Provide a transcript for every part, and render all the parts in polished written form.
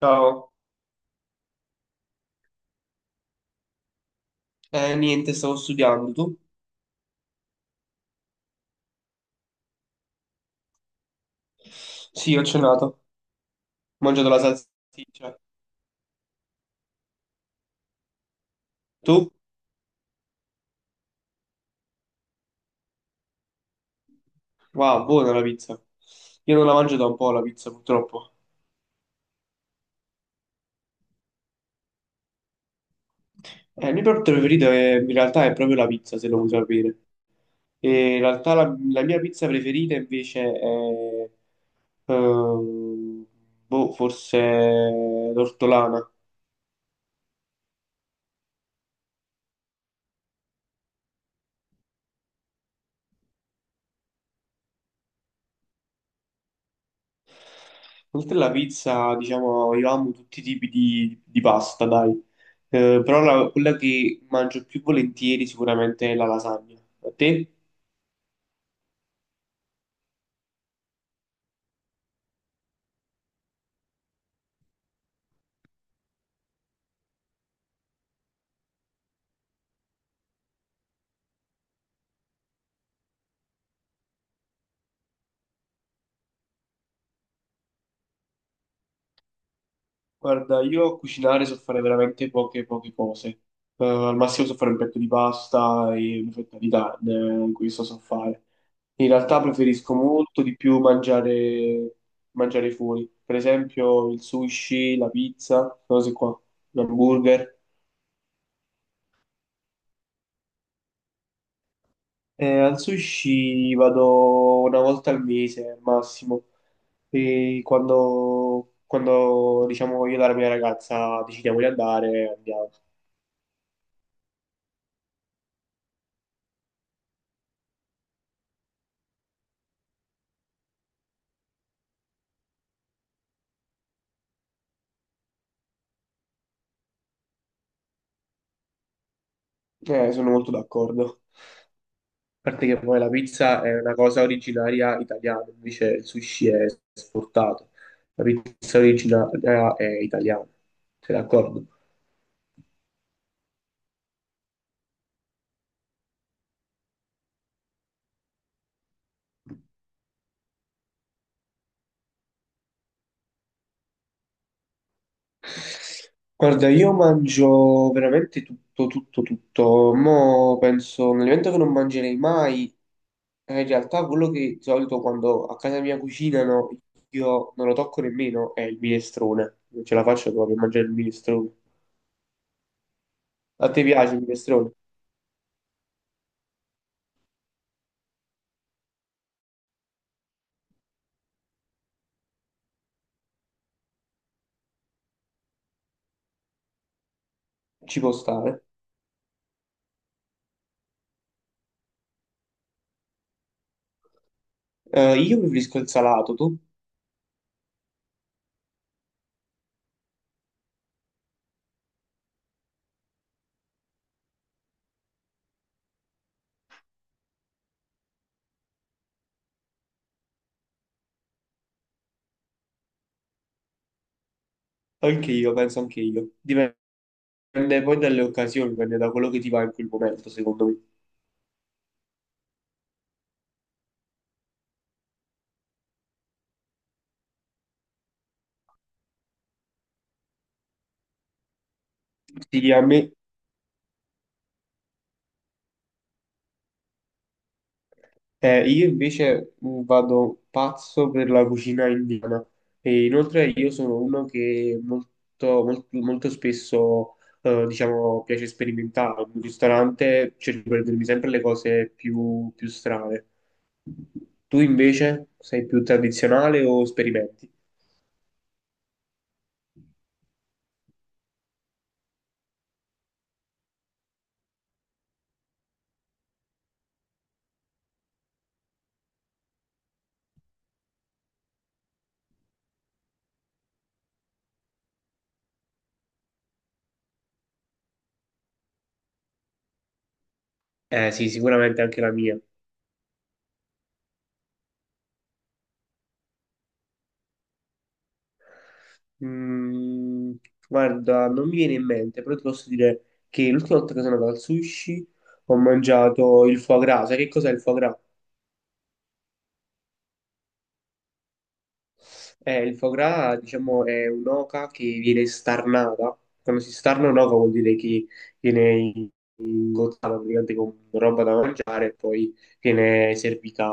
Ciao, niente, stavo studiando, tu? Sì, ho cenato, ho mangiato la salsiccia. Tu? Wow, buona la pizza. Io non la mangio da un po' la pizza, purtroppo. Il mio piatto preferito è- in realtà è proprio la pizza, se lo vuoi sapere. E in realtà la mia pizza preferita invece è... ehm, boh, forse l'ortolana. Oltre alla pizza, diciamo, io amo tutti i tipi di pasta, dai. Però la- quella che mangio più volentieri sicuramente è la lasagna. A te? Guarda, io a cucinare so fare veramente poche cose. Al massimo so fare un petto di pasta e una fetta di carne, questo so fare. In realtà preferisco molto di più mangiare, mangiare fuori. Per esempio il sushi, la pizza, cose qua, l'hamburger. Al sushi vado una volta al mese al massimo, e quando diciamo io e la mia ragazza decidiamo di andare, andiamo. Sono molto d'accordo. A parte che poi la pizza è una cosa originaria italiana, invece il sushi è esportato. La pizza originaria è italiana, sei d'accordo? Guarda, io mangio veramente tutto, tutto, tutto. Mo' penso, un alimento che non mangerei mai, è in realtà quello che di solito quando a casa mia cucinano io non lo tocco nemmeno, è il minestrone. Non ce la faccio proprio a mangiare il minestrone. A te piace il minestrone? Ci può stare. Io preferisco il salato, tu? Anche io, penso anche io. Dipende poi dalle occasioni, dipende da quello che ti va in quel momento, secondo me. Sì, a me eh, io invece vado pazzo per la cucina indiana e inoltre io sono uno che molto, molto, molto spesso diciamo, piace sperimentare. In un ristorante cerco di prendermi sempre le cose più, più strane. Tu invece sei più tradizionale o sperimenti? Eh sì, sicuramente anche la mia. Mm, guarda, non mi viene in mente, però ti posso dire che l'ultima volta che sono andato al sushi ho mangiato il foie gras. Sai che cos'è il foie gras? Il foie gras, diciamo, è un'oca che viene starnata. Quando si starna un'oca vuol dire che viene ingozzata praticamente con roba da mangiare e poi viene servita,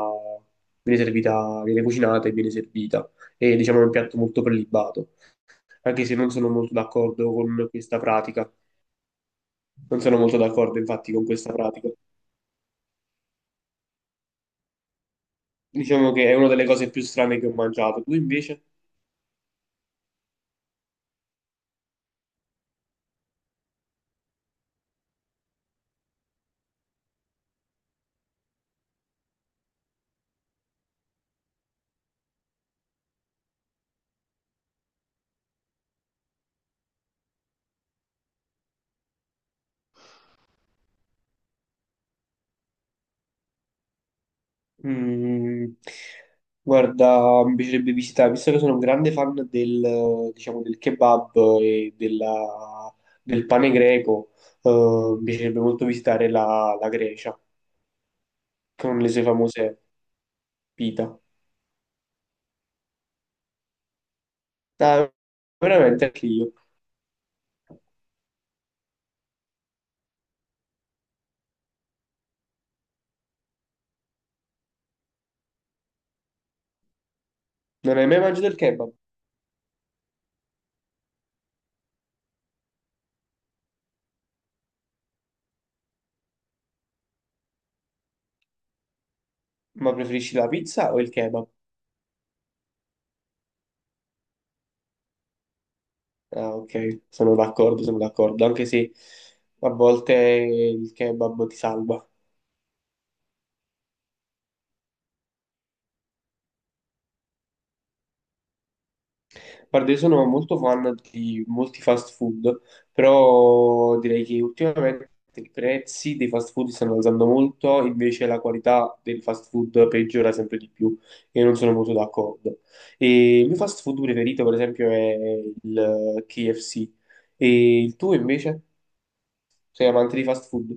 viene servita, viene cucinata e viene servita. E diciamo è un piatto molto prelibato, anche se non sono molto d'accordo con questa pratica. Non sono molto d'accordo infatti con questa pratica. Diciamo che è una delle cose più strane che ho mangiato. Tu invece? Mm, guarda, mi piacerebbe visitare, visto che sono un grande fan del, diciamo, del kebab e della- del pane greco, mi piacerebbe molto visitare la Grecia con le sue famose pita. Ah, veramente anche io. Non hai mai mangiato il kebab, ma preferisci la pizza o il kebab? Ah, ok, sono d'accordo, anche se a volte il kebab ti salva. Guarda, io sono molto fan di molti fast food, però direi che ultimamente i prezzi dei fast food stanno alzando molto, invece la qualità del fast food peggiora sempre di più e non sono molto d'accordo. E il mio fast food preferito, per esempio, è il KFC. E il tuo invece? Sei amante di fast food?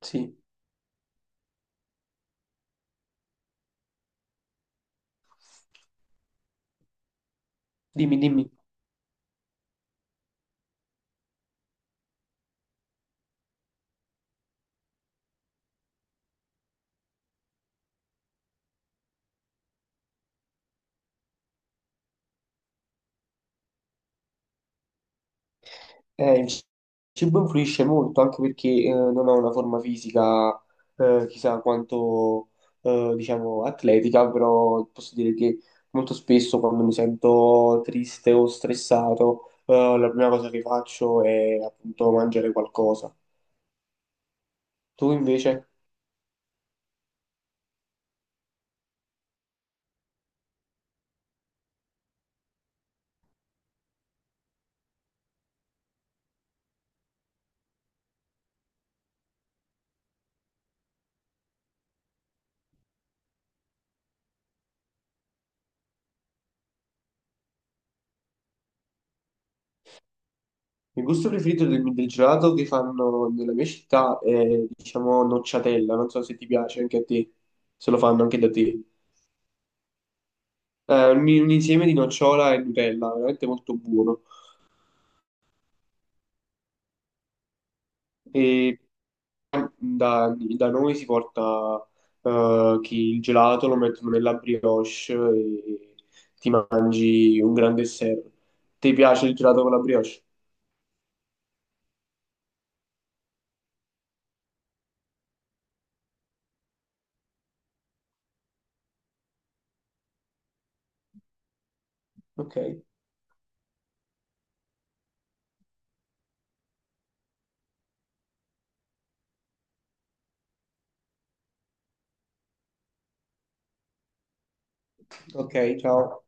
Sì, dimmi, dimmi. Il cibo influisce molto anche perché non ho una forma fisica chissà quanto diciamo atletica, però posso dire che molto spesso quando mi sento triste o stressato, la prima cosa che faccio è appunto mangiare qualcosa. Tu invece? Il gusto preferito del gelato che fanno nella mia città è diciamo nocciatella, non so se ti piace anche a te, se lo fanno anche da te. Un insieme di nocciola e Nutella, veramente molto buono. E da noi si porta chi il gelato lo mettono nella brioche e ti mangi un grande dessert. Ti piace il gelato con la brioche? Ok, ok, ciao.